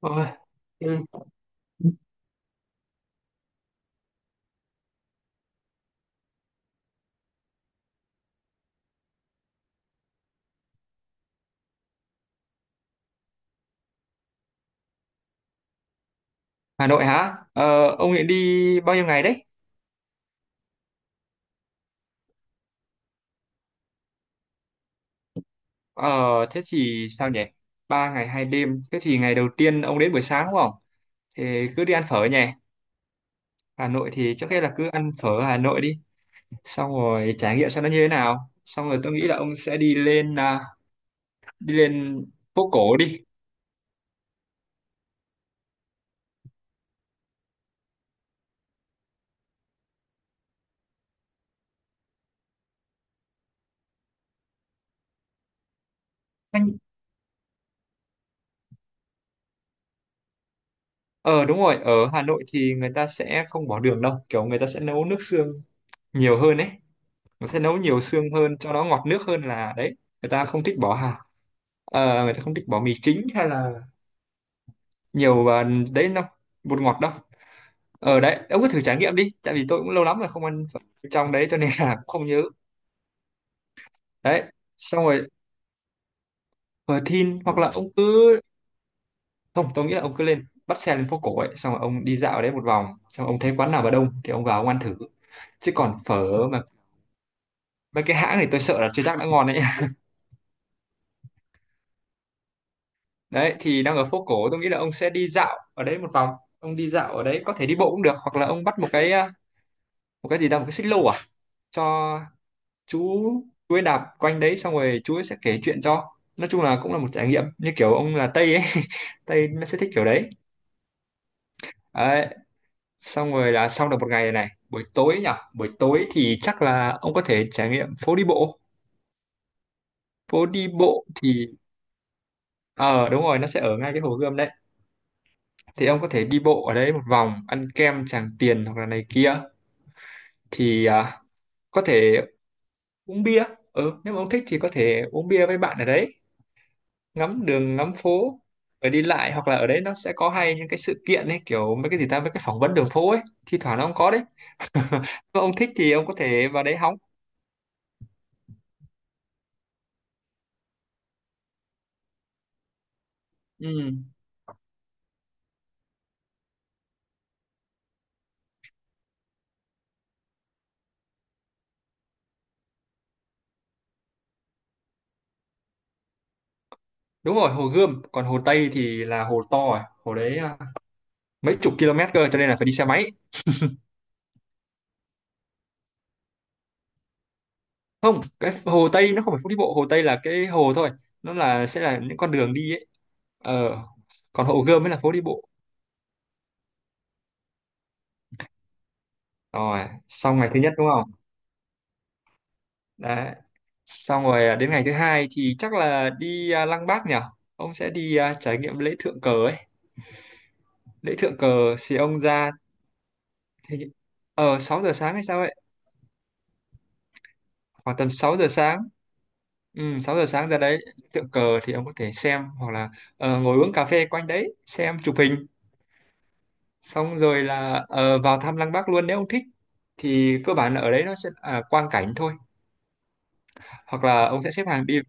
Ôi, ừ. Hà Nội hả? Ờ, ông định đi bao nhiêu ngày đấy? Ờ, thế thì sao nhỉ? 3 ngày 2 đêm. Thế thì ngày đầu tiên ông đến buổi sáng đúng không? Thì cứ đi ăn phở nhỉ? Hà Nội thì trước hết là cứ ăn phở Hà Nội đi. Xong rồi trải nghiệm xem nó như thế nào. Xong rồi tôi nghĩ là ông sẽ đi lên đi lên phố cổ đi. Anh- Ờ đúng rồi, ở Hà Nội thì người ta sẽ không bỏ đường đâu. Kiểu người ta sẽ nấu nước xương nhiều hơn ấy. Nó sẽ nấu nhiều xương hơn cho nó ngọt nước hơn là đấy, người ta không thích bỏ hạt. Ờ, người ta không thích bỏ mì chính hay là nhiều đấy đâu, bột ngọt đâu. Ở đấy ông cứ thử trải nghiệm đi, tại vì tôi cũng lâu lắm rồi không ăn phở trong đấy, cho nên là cũng không nhớ. Đấy, xong rồi phở thin hoặc là ông cứ, không, tôi nghĩ là ông cứ lên bắt xe lên phố cổ ấy, xong rồi ông đi dạo ở đấy một vòng, xong rồi ông thấy quán nào mà đông thì ông vào ông ăn thử. Chứ còn phở mà mấy cái hãng thì tôi sợ là chưa chắc đã ngon đấy. Đấy thì đang ở phố cổ, tôi nghĩ là ông sẽ đi dạo ở đấy một vòng, ông đi dạo ở đấy có thể đi bộ cũng được, hoặc là ông bắt một cái một cái gì đó, một cái xích lô cho chú chú ấy đạp quanh đấy xong rồi chú ấy sẽ kể chuyện cho. Nói chung là cũng là một trải nghiệm như kiểu ông là Tây ấy. Tây nó sẽ thích kiểu đấy. Đấy, xong rồi là xong được một ngày này, buổi tối nhỉ? Buổi tối thì chắc là ông có thể trải nghiệm phố đi bộ. Phố đi bộ thì ờ đúng rồi, nó sẽ ở ngay cái Hồ Gươm đấy, thì ông có thể đi bộ ở đấy một vòng, ăn kem Tràng Tiền hoặc là này kia, thì có thể uống bia, ừ, nếu mà ông thích thì có thể uống bia với bạn ở đấy, ngắm đường ngắm phố rồi đi lại. Hoặc là ở đấy nó sẽ có hay những cái sự kiện ấy, kiểu mấy cái gì ta, mấy cái phỏng vấn đường phố ấy, thi thoảng nó cũng có đấy. Nếu mà ông thích thì ông có thể vào đấy hóng. Ừ. Đúng rồi, Hồ Gươm, còn Hồ Tây thì là hồ to rồi, hồ đấy mấy chục km cơ, cho nên là phải đi xe máy. Không, cái Hồ Tây nó không phải phố đi bộ, Hồ Tây là cái hồ thôi, nó là sẽ là những con đường đi ấy. Ờ, còn Hồ Gươm mới là phố đi bộ. Rồi, xong ngày thứ nhất đúng không? Đấy. Xong rồi đến ngày thứ hai thì chắc là đi Lăng Bác nhỉ? Ông sẽ đi trải nghiệm lễ thượng cờ ấy. Lễ thượng cờ thì ông ra hình như- ờ 6 giờ sáng hay sao ấy, khoảng tầm 6 giờ sáng. Ừ, 6 giờ sáng ra đấy, tượng cờ thì ông có thể xem, hoặc là ờ, ngồi uống cà phê quanh đấy, xem chụp hình, xong rồi là ờ, vào thăm Lăng Bác luôn nếu ông thích. Thì cơ bản là ở đấy nó sẽ là quang cảnh thôi, hoặc là ông sẽ xếp hàng đi.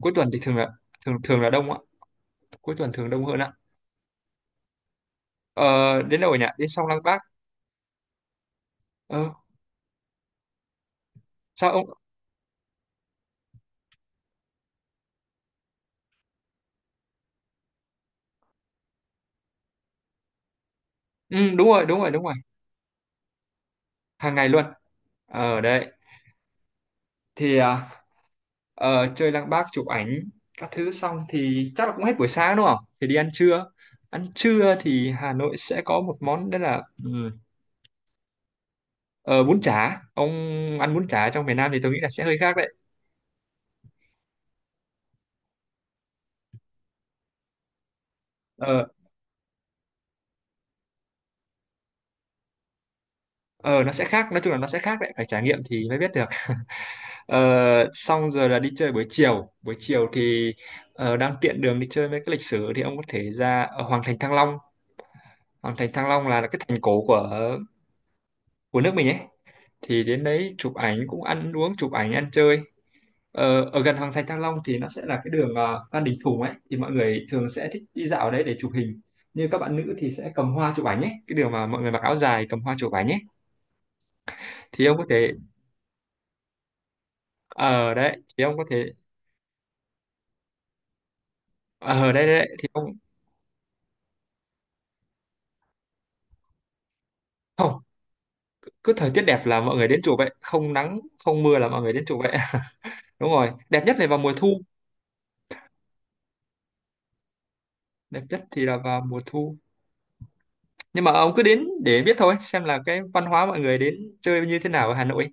Cuối tuần thì thường là thường thường là đông ạ, cuối tuần thường đông hơn ạ. Ờ, đến đâu rồi nhỉ? Đến sau Lăng Bác. Ờ, sao ông? Ừ, đúng rồi, đúng rồi, đúng rồi. Hàng ngày luôn. Ở đấy. Thì chơi Lăng Bác chụp ảnh các thứ xong thì chắc là cũng hết buổi sáng đúng không? Thì đi ăn trưa. Ăn trưa thì Hà Nội sẽ có một món đấy là ờ, bún chả. Ông ăn bún chả trong miền Nam thì tôi nghĩ là sẽ hơi khác đấy. Ờ, ờ, nó sẽ khác. Nói chung là nó sẽ khác đấy. Phải trải nghiệm thì mới biết được. Ờ, xong rồi là đi chơi buổi chiều, buổi chiều thì ờ, đang tiện đường đi chơi mấy cái lịch sử thì ông có thể ra ở Hoàng thành Thăng Long. Hoàng thành Thăng Long là cái thành cổ của nước mình ấy, thì đến đấy chụp ảnh cũng ăn uống chụp ảnh ăn chơi. Ờ, ở gần Hoàng thành Thăng Long thì nó sẽ là cái đường ờ, Phan Đình Phùng ấy, thì mọi người thường sẽ thích đi dạo ở đấy để chụp hình, như các bạn nữ thì sẽ cầm hoa chụp ảnh ấy, cái đường mà mọi người mặc áo dài cầm hoa chụp ảnh ấy thì ông có thể, ở đấy thì ông có thể, ở đây đấy thì ông, không, cứ thời tiết đẹp là mọi người đến chùa vậy, không nắng không mưa là mọi người đến chùa vậy. Đúng rồi, đẹp nhất là vào mùa thu, đẹp nhất thì là vào mùa thu. Nhưng mà ông cứ đến để biết thôi, xem là cái văn hóa mọi người đến chơi như thế nào ở Hà Nội.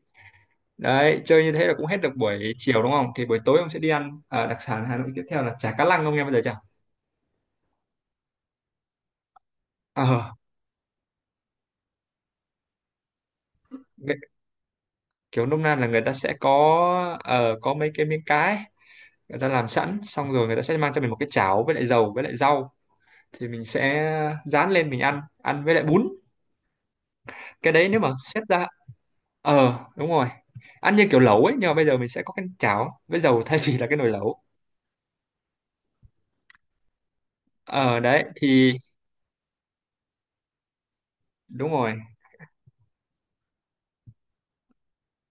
Đấy, chơi như thế là cũng hết được buổi chiều đúng không? Thì buổi tối ông sẽ đi ăn ờ, đặc sản Hà Nội tiếp theo là chả cá lăng, ông nghe bao giờ chưa? Ờ cái- kiểu nôm na là người ta sẽ có ờ, có mấy cái miếng cá ấy, người ta làm sẵn xong rồi người ta sẽ mang cho mình một cái chảo với lại dầu với lại rau, thì mình sẽ rán lên mình ăn, ăn với lại bún. Cái đấy nếu mà xét ra ờ đúng rồi, ăn như kiểu lẩu ấy, nhưng mà bây giờ mình sẽ có cái chảo với dầu thay vì là cái nồi lẩu. Ờ đấy thì đúng rồi.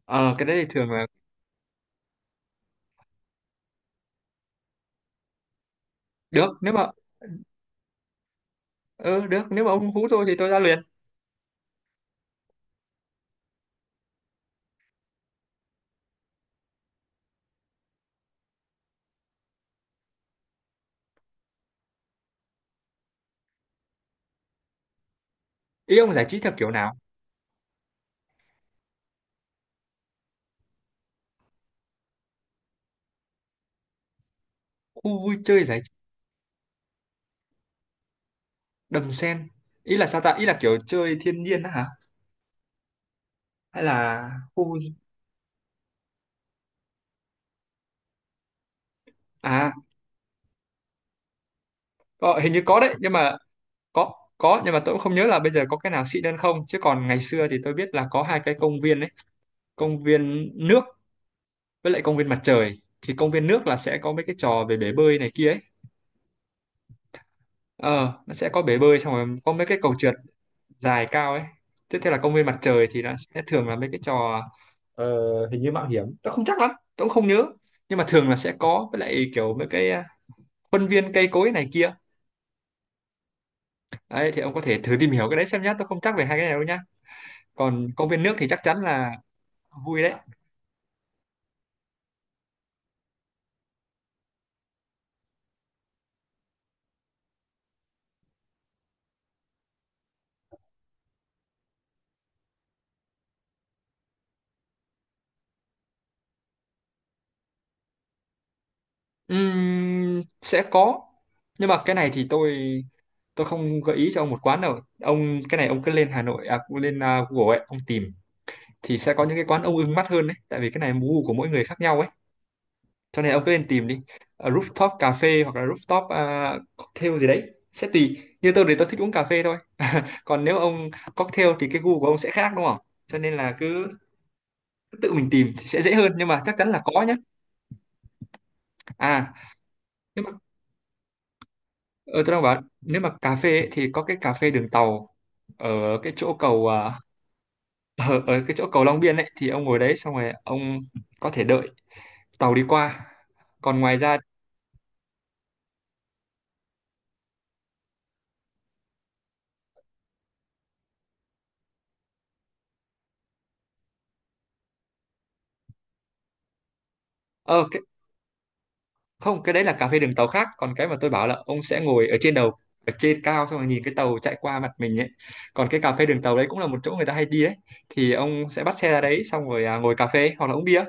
Ờ cái đấy thì thường là được, nếu mà ừ, được nếu mà ông hú tôi thì tôi ra liền. Ý ông giải trí theo kiểu nào? Khu vui chơi giải trí, đầm sen, ý là sao ta, ý là kiểu chơi thiên nhiên á hả, hay là khu vui- à, ờ, hình như có đấy, nhưng mà có có nhưng mà tôi cũng không nhớ là bây giờ có cái nào xịn hơn không, chứ còn ngày xưa thì tôi biết là có 2 cái công viên đấy, công viên nước với lại công viên mặt trời. Thì công viên nước là sẽ có mấy cái trò về bể bơi này kia ấy, ờ nó sẽ có bể bơi xong rồi có mấy cái cầu trượt dài cao ấy. Tiếp theo là công viên mặt trời thì nó sẽ thường là mấy cái trò ờ, hình như mạo hiểm, tôi không chắc lắm, tôi cũng không nhớ, nhưng mà thường là sẽ có với lại kiểu mấy cái khuôn viên cây cối này kia. Đấy thì ông có thể thử tìm hiểu cái đấy xem nhá, tôi không chắc về 2 cái này đâu nhá. Còn công viên nước thì chắc chắn là vui đấy. Sẽ có nhưng mà cái này thì tôi không gợi ý cho ông một quán đâu ông, cái này ông cứ lên Hà Nội lên Google ấy ông tìm, thì sẽ có những cái quán ông ưng mắt hơn đấy, tại vì cái này gu của mỗi người khác nhau ấy, cho nên ông cứ lên tìm đi. Ờ, rooftop cà phê hoặc là rooftop cocktail gì đấy sẽ tùy, như tôi thì tôi thích uống cà phê thôi, còn nếu ông cocktail thì cái gu của ông sẽ khác đúng không, cho nên là cứ tự mình tìm thì sẽ dễ hơn, nhưng mà chắc chắn là có nhé. À nếu mà ờ, tôi đang bảo nếu mà cà phê ấy, thì có cái cà phê đường tàu ở cái chỗ cầu ở, ở cái chỗ cầu Long Biên ấy, thì ông ngồi đấy xong rồi ông có thể đợi tàu đi qua. Còn ngoài ra ờ cái, không, cái đấy là cà phê đường tàu khác, còn cái mà tôi bảo là ông sẽ ngồi ở trên đầu, ở trên cao xong rồi nhìn cái tàu chạy qua mặt mình ấy. Còn cái cà phê đường tàu đấy cũng là một chỗ người ta hay đi ấy, thì ông sẽ bắt xe ra đấy xong rồi ngồi cà phê hoặc là uống bia,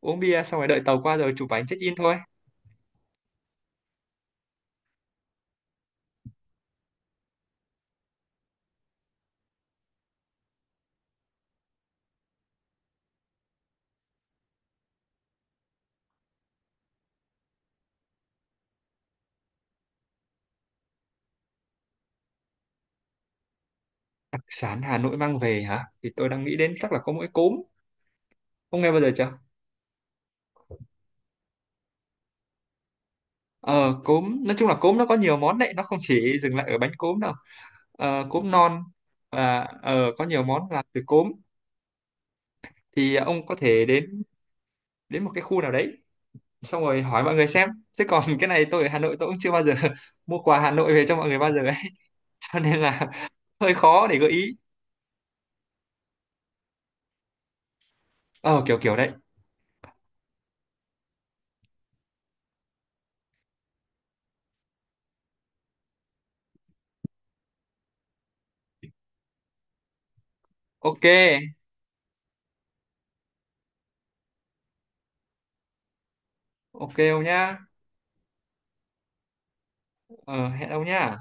uống bia xong rồi đợi tàu qua rồi chụp ảnh check in thôi. Đặc sản Hà Nội mang về hả, thì tôi đang nghĩ đến chắc là có mỗi cốm, ông nghe bao giờ chưa? Ờ, cốm nói chung là cốm nó có nhiều món đấy, nó không chỉ dừng lại ở bánh cốm đâu. Ờ, cốm non và ờ, có nhiều món làm từ cốm, thì ông có thể đến đến một cái khu nào đấy xong rồi hỏi mọi người xem, chứ còn cái này tôi ở Hà Nội tôi cũng chưa bao giờ mua quà Hà Nội về cho mọi người bao giờ ấy, cho nên là hơi khó để gợi ý. Ờ kiểu kiểu đấy. Ok, ok ông nhá. Ờ, hẹn ông nhá.